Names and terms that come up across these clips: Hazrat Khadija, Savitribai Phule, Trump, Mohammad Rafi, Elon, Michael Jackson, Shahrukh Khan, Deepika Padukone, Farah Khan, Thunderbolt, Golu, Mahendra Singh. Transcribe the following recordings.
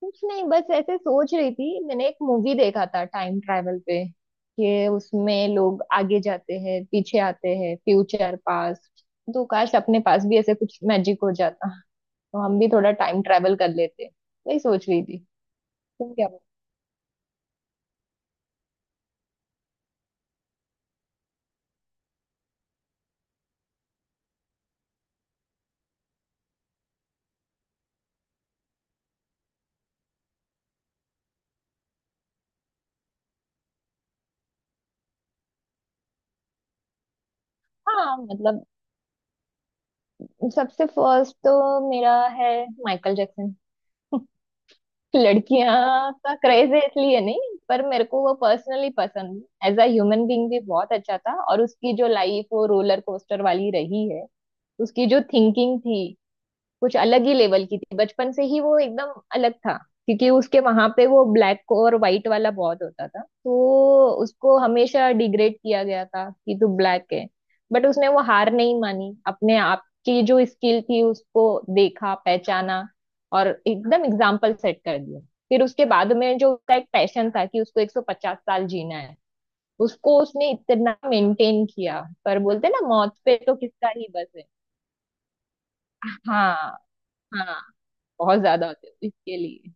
कुछ नहीं। बस ऐसे सोच रही थी। मैंने एक मूवी देखा था टाइम ट्रैवल पे कि उसमें लोग आगे जाते हैं, पीछे आते हैं, फ्यूचर पास्ट। तो काश अपने पास भी ऐसे कुछ मैजिक हो जाता तो हम भी थोड़ा टाइम ट्रैवल कर लेते। वही सोच रही थी। तुम क्या बोल? हाँ मतलब सबसे फर्स्ट तो मेरा है माइकल जैक्सन। लड़कियां का क्रेज है इसलिए नहीं, पर मेरे को वो पर्सनली पसंद, एज अ ह्यूमन बीइंग भी बहुत अच्छा था, और उसकी जो लाइफ वो रोलर कोस्टर वाली रही है। उसकी जो थिंकिंग थी कुछ अलग ही लेवल की थी। बचपन से ही वो एकदम अलग था, क्योंकि उसके वहां पे वो ब्लैक और व्हाइट वाला बहुत होता था, तो उसको हमेशा डिग्रेड किया गया था कि तू ब्लैक है। बट उसने वो हार नहीं मानी, अपने आप की जो स्किल थी उसको देखा, पहचाना और एकदम एग्जाम्पल सेट कर दिया। फिर उसके बाद में जो उसका एक पैशन था कि उसको 150 साल जीना है। उसको उसने इतना मेंटेन किया, पर बोलते ना मौत पे तो किसका ही बस है। हाँ। हाँ। बहुत ज्यादा होते हैं, इसके लिए।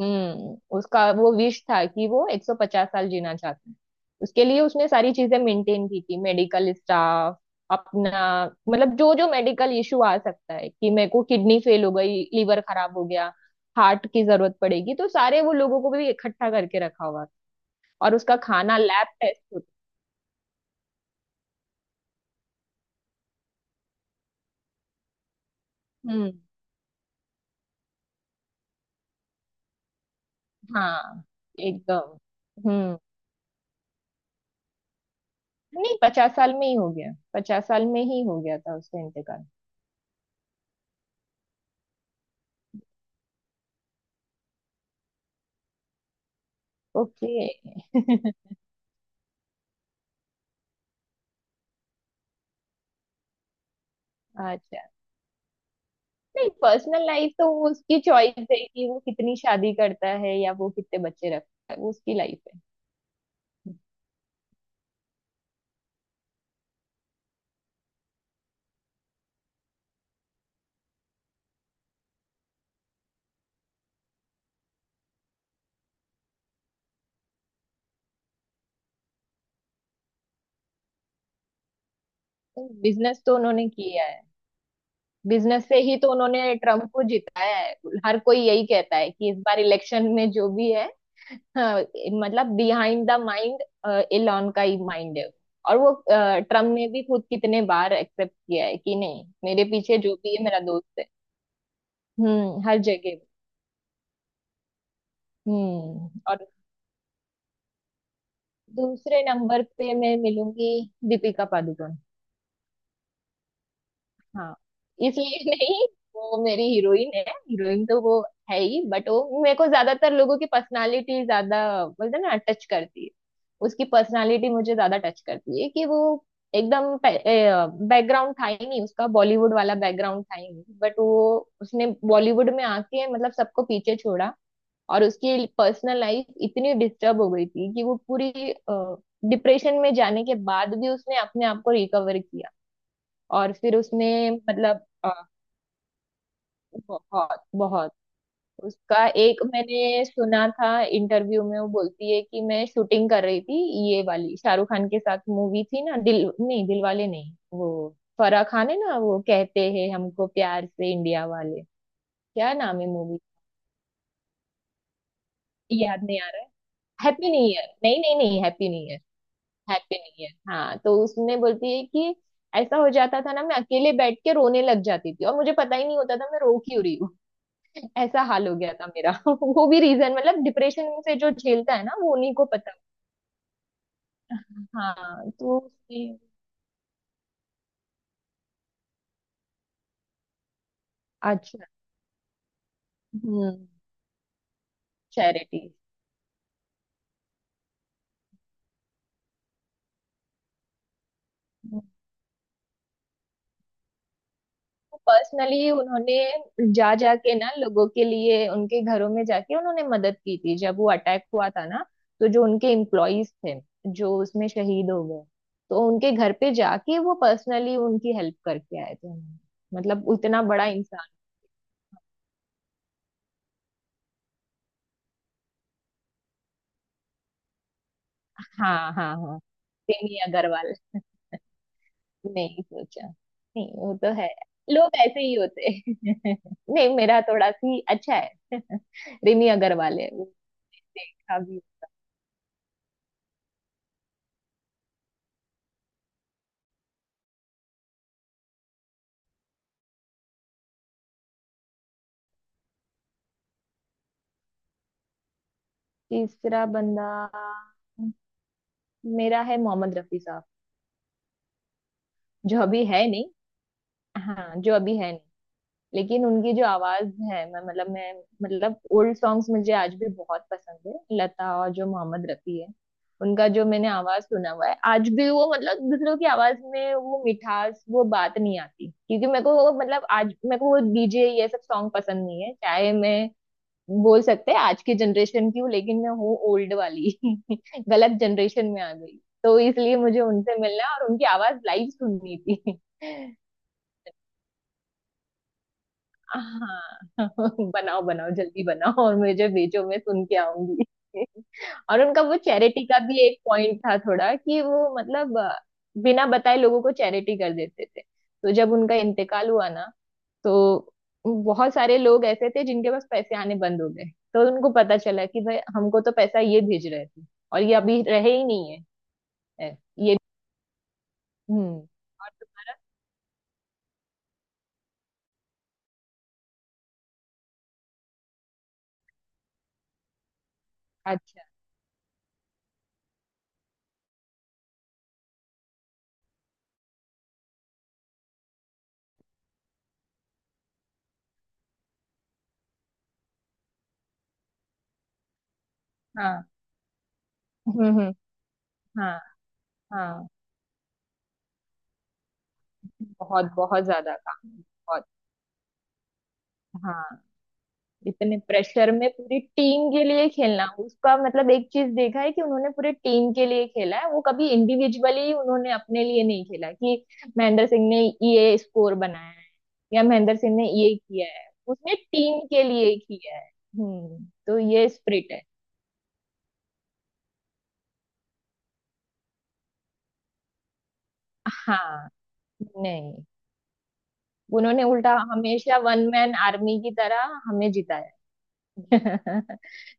उसका वो विश था कि वो 150 साल जीना चाहते हैं। उसके लिए उसने सारी चीजें मेंटेन की थी। मेडिकल स्टाफ अपना, मतलब जो जो मेडिकल इशू आ सकता है कि मेरे को किडनी फेल हो गई, लीवर खराब हो गया, हार्ट की जरूरत पड़ेगी, तो सारे वो लोगों को भी इकट्ठा करके रखा हुआ था। और उसका खाना लैब टेस्ट होता। हम्म। हाँ। एकदम। हम्म। नहीं, पचास साल में ही हो गया, पचास साल में ही हो गया था उसका इंतकाल। ओके। अच्छा, नहीं पर्सनल लाइफ तो वो उसकी चॉइस है कि वो कितनी शादी करता है या वो कितने बच्चे रखता है, वो उसकी लाइफ है। बिजनेस तो उन्होंने किया है। बिजनेस से ही तो उन्होंने ट्रम्प को जिताया है। हर कोई यही कहता है कि इस बार इलेक्शन में जो भी है, हाँ, मतलब बिहाइंड द माइंड एलॉन का ही माइंड है। और वो ट्रम्प ने भी खुद कितने बार एक्सेप्ट किया है कि नहीं मेरे पीछे जो भी है मेरा दोस्त है। हम्म, हर जगह। और दूसरे नंबर पे मैं मिलूंगी दीपिका पादुकोण। हाँ, इसलिए। नहीं, वो मेरी हीरोइन है। हीरोइन तो वो है ही, बट वो मेरे को ज्यादातर लोगों की पर्सनालिटी ज्यादा, बोलते हैं ना टच करती है, उसकी पर्सनालिटी मुझे ज्यादा टच करती है कि वो एकदम, बैकग्राउंड था ही नहीं उसका, बॉलीवुड वाला बैकग्राउंड था ही नहीं, बट वो उसने बॉलीवुड में आके मतलब सबको पीछे छोड़ा। और उसकी पर्सनल लाइफ इतनी डिस्टर्ब हो गई थी कि वो पूरी डिप्रेशन में जाने के बाद भी उसने अपने आप को रिकवर किया। और फिर उसने मतलब बहुत बहुत। उसका एक मैंने सुना था इंटरव्यू में, वो बोलती है कि मैं शूटिंग कर रही थी, ये वाली शाहरुख खान के साथ मूवी थी ना, दिल नहीं, दिलवाले नहीं, वो फराह खान है ना, वो कहते हैं हमको प्यार से इंडिया वाले। क्या नाम है मूवी? याद नहीं आ रहा है। हैप्पी न्यू ईयर, नहीं नहीं नहीं हैप्पी न्यू ईयर, हैप्पी नहीं है। हाँ, तो उसने बोलती है कि ऐसा हो जाता था ना, मैं अकेले बैठ के रोने लग जाती थी और मुझे पता ही नहीं होता था मैं रो क्यों रही हूँ। ऐसा हाल हो गया था मेरा। वो भी रीजन, मतलब डिप्रेशन से जो झेलता है ना वो उन्हीं को पता। हाँ तो उसने-। अच्छा। हम्म, चैरिटी। पर्सनली उन्होंने जा जाके ना लोगों के लिए, उनके घरों में जाके उन्होंने मदद की थी जब वो अटैक हुआ था ना, तो जो उनके एम्प्लॉयज थे, जो उसमें शहीद हो गए, तो उनके घर पे जाके वो पर्सनली उनकी हेल्प करके आए थे उन्होंने। मतलब उतना बड़ा इंसान। हाँ, हाँ, हाँ। प्रेमी अग्रवाल। नहीं सोचा, नहीं वो तो है, लोग ऐसे ही होते हैं। नहीं मेरा थोड़ा सी अच्छा है। रिमी अग्रवाल है वो। देखा भी। तीसरा बंदा मेरा है मोहम्मद रफी साहब, जो अभी है नहीं। हाँ, जो अभी है नहीं। लेकिन उनकी जो आवाज है, मैं मतलब ओल्ड सॉन्ग्स मुझे आज भी बहुत पसंद है, लता और जो मोहम्मद रफी है, उनका जो मैंने आवाज सुना हुआ है आज भी, वो मतलब दूसरों की आवाज में वो मिठास वो बात नहीं आती। क्योंकि मेरे को वो मतलब आज मेरे को वो डीजे ये सब सॉन्ग पसंद नहीं है, चाहे मैं बोल सकते हैं आज की जनरेशन की हूँ, लेकिन मैं हूँ ओल्ड वाली। गलत जनरेशन में आ गई। तो इसलिए मुझे उनसे मिलना और उनकी आवाज लाइव सुननी थी। हाँ बनाओ बनाओ, जल्दी बनाओ और मुझे भेजो, मैं सुन के आऊंगी। और उनका वो चैरिटी का भी एक पॉइंट था थोड़ा कि वो मतलब बिना बताए लोगों को चैरिटी कर देते थे। तो जब उनका इंतकाल हुआ ना, तो बहुत सारे लोग ऐसे थे जिनके पास पैसे आने बंद हो गए, तो उनको पता चला कि भाई हमको तो पैसा ये भेज रहे थे, और ये अभी रहे ही नहीं है। ये। हम्म, और तुम्हारा? अच्छा। हाँ। हम्म, हम्म। हाँ। हाँ, बहुत बहुत ज्यादा काम है, बहुत। हाँ, इतने प्रेशर में पूरी टीम के लिए खेलना, उसका मतलब एक चीज देखा है कि उन्होंने पूरे टीम के लिए खेला है, वो कभी इंडिविजुअली उन्होंने अपने लिए नहीं खेला कि महेंद्र सिंह ने ये स्कोर बनाया है, या महेंद्र सिंह ने ये किया है, उसने टीम के लिए किया है। हम्म, तो ये स्प्रिट है। हाँ, नहीं उन्होंने उल्टा हमेशा वन मैन आर्मी की तरह हमें जिताया।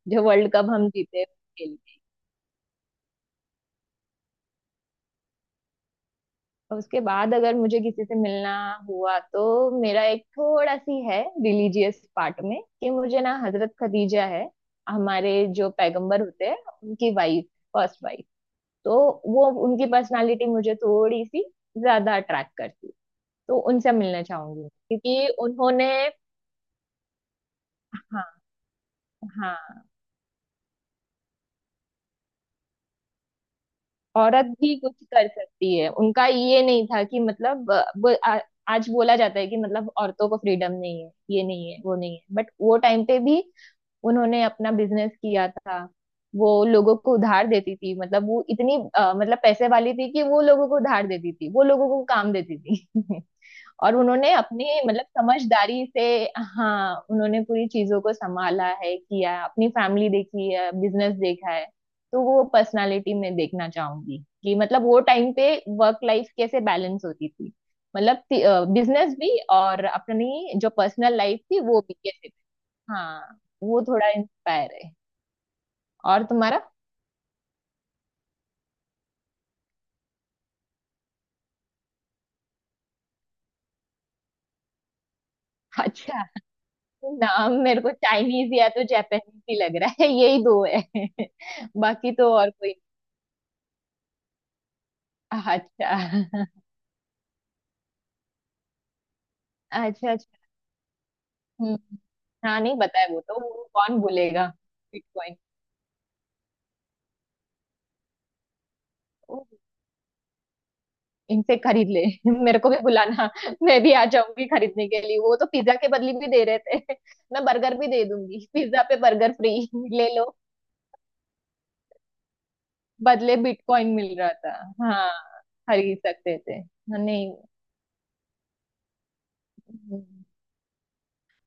जो वर्ल्ड कप हम जीते उसके लिए। उसके बाद अगर मुझे किसी से मिलना हुआ, तो मेरा एक थोड़ा सी है रिलीजियस पार्ट में कि मुझे ना हजरत खदीजा है, हमारे जो पैगंबर होते हैं उनकी वाइफ, फर्स्ट वाइफ, तो वो उनकी पर्सनालिटी मुझे थोड़ी सी ज्यादा अट्रैक्ट करती है। तो उनसे मिलना चाहूंगी क्योंकि उन्होंने, हाँ हाँ, औरत भी कुछ कर सकती है, उनका ये नहीं था कि मतलब आज बोला जाता है कि मतलब औरतों को फ्रीडम नहीं है, ये नहीं है, वो नहीं है, बट वो टाइम पे भी उन्होंने अपना बिजनेस किया था। वो लोगों को उधार देती थी, मतलब वो इतनी मतलब पैसे वाली थी कि वो लोगों को उधार देती थी, वो लोगों को काम देती थी। और उन्होंने अपने मतलब समझदारी से, हाँ उन्होंने पूरी चीजों को संभाला है, किया है, अपनी फैमिली देखी है, बिजनेस देखा है। तो वो पर्सनालिटी में देखना चाहूंगी कि मतलब वो टाइम पे वर्क लाइफ कैसे बैलेंस होती थी, मतलब बिजनेस भी और अपनी जो पर्सनल लाइफ थी वो भी कैसे। हाँ वो थोड़ा इंस्पायर है। और तुम्हारा? अच्छा, नाम मेरे को चाइनीज या तो जापानीज ही लग रहा है, यही दो है। बाकी तो और कोई। अच्छा। अच्छा। अच्छा। हम्म। हाँ नहीं बताया वो तो, वो कौन बोलेगा। बिटकॉइन इनसे खरीद ले। मेरे को भी बुलाना, मैं भी आ जाऊंगी खरीदने के लिए, वो तो पिज्जा के बदले भी दे रहे थे। मैं बर्गर भी दे दूंगी, पिज्जा पे बर्गर फ्री। ले लो। बदले बिटकॉइन मिल रहा था। हाँ खरीद सकते थे। नहीं। हम्म,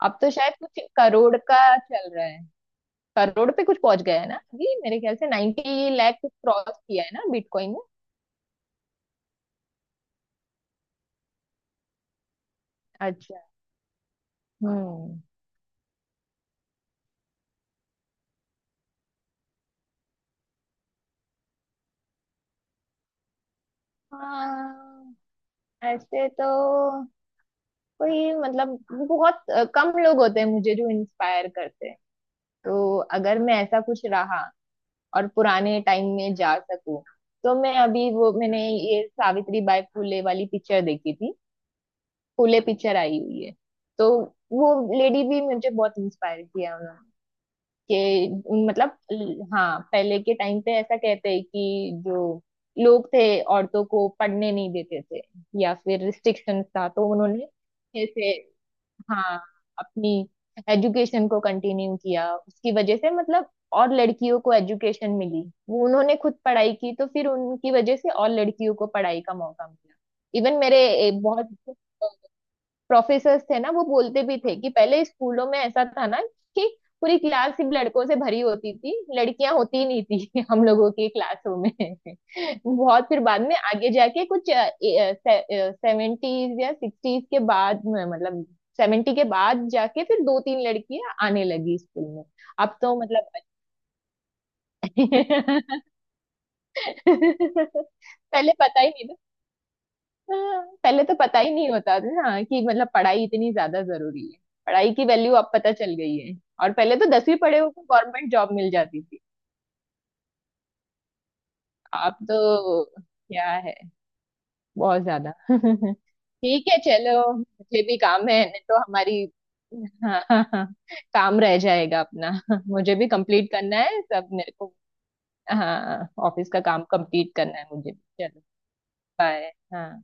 अब तो शायद कुछ करोड़ का चल रहा है, करोड़ पे कुछ पहुंच गया है ना, अभी मेरे ख्याल से 90 लाख कुछ क्रॉस किया है ना बिटकॉइन ने। अच्छा। हम्म। हाँ। ऐसे तो कोई मतलब बहुत कम लोग होते हैं मुझे जो इंस्पायर करते हैं। तो अगर मैं ऐसा कुछ रहा और पुराने टाइम में जा सकूं, तो मैं अभी वो मैंने ये सावित्री बाई फुले वाली पिक्चर देखी थी, फूले पिक्चर आई हुई है, तो वो लेडी भी मुझे बहुत इंस्पायर किया उन्होंने। कि मतलब हाँ पहले के टाइम पे ऐसा कहते हैं कि जो लोग थे औरतों को पढ़ने नहीं देते थे, या फिर रिस्ट्रिक्शन था, तो उन्होंने ऐसे, हाँ अपनी एजुकेशन को कंटिन्यू किया, उसकी वजह से मतलब और लड़कियों को एजुकेशन मिली, वो उन्होंने खुद पढ़ाई की, तो फिर उनकी वजह से और लड़कियों को पढ़ाई का मौका मिला। इवन मेरे बहुत प्रोफेसर थे ना, वो बोलते भी थे कि पहले स्कूलों में ऐसा था ना कि पूरी क्लास सिर्फ लड़कों से भरी होती थी, लड़कियां होती ही नहीं थी हम लोगों की क्लासों में। बहुत फिर बाद में आगे जाके कुछ सेवेंटीज या सिक्सटीज के बाद में, मतलब सेवेंटी के बाद जाके फिर दो तीन लड़कियां आने लगी स्कूल में। अब तो मतलब पहले पता ही नहीं। हाँ, पहले तो पता ही नहीं होता था ना कि मतलब पढ़ाई इतनी ज्यादा जरूरी है, पढ़ाई की वैल्यू अब पता चल गई है। और पहले तो दसवीं पढ़े हो तो गवर्नमेंट जॉब मिल जाती थी। अब तो क्या है, बहुत ज्यादा। ठीक है चलो, मुझे भी काम है, नहीं तो हमारी हाँ हाँ हाँ, काम रह जाएगा अपना। मुझे भी कंप्लीट करना है सब मेरे को, हाँ ऑफिस का काम कंप्लीट करना है मुझे। चलो, बाय। हाँ।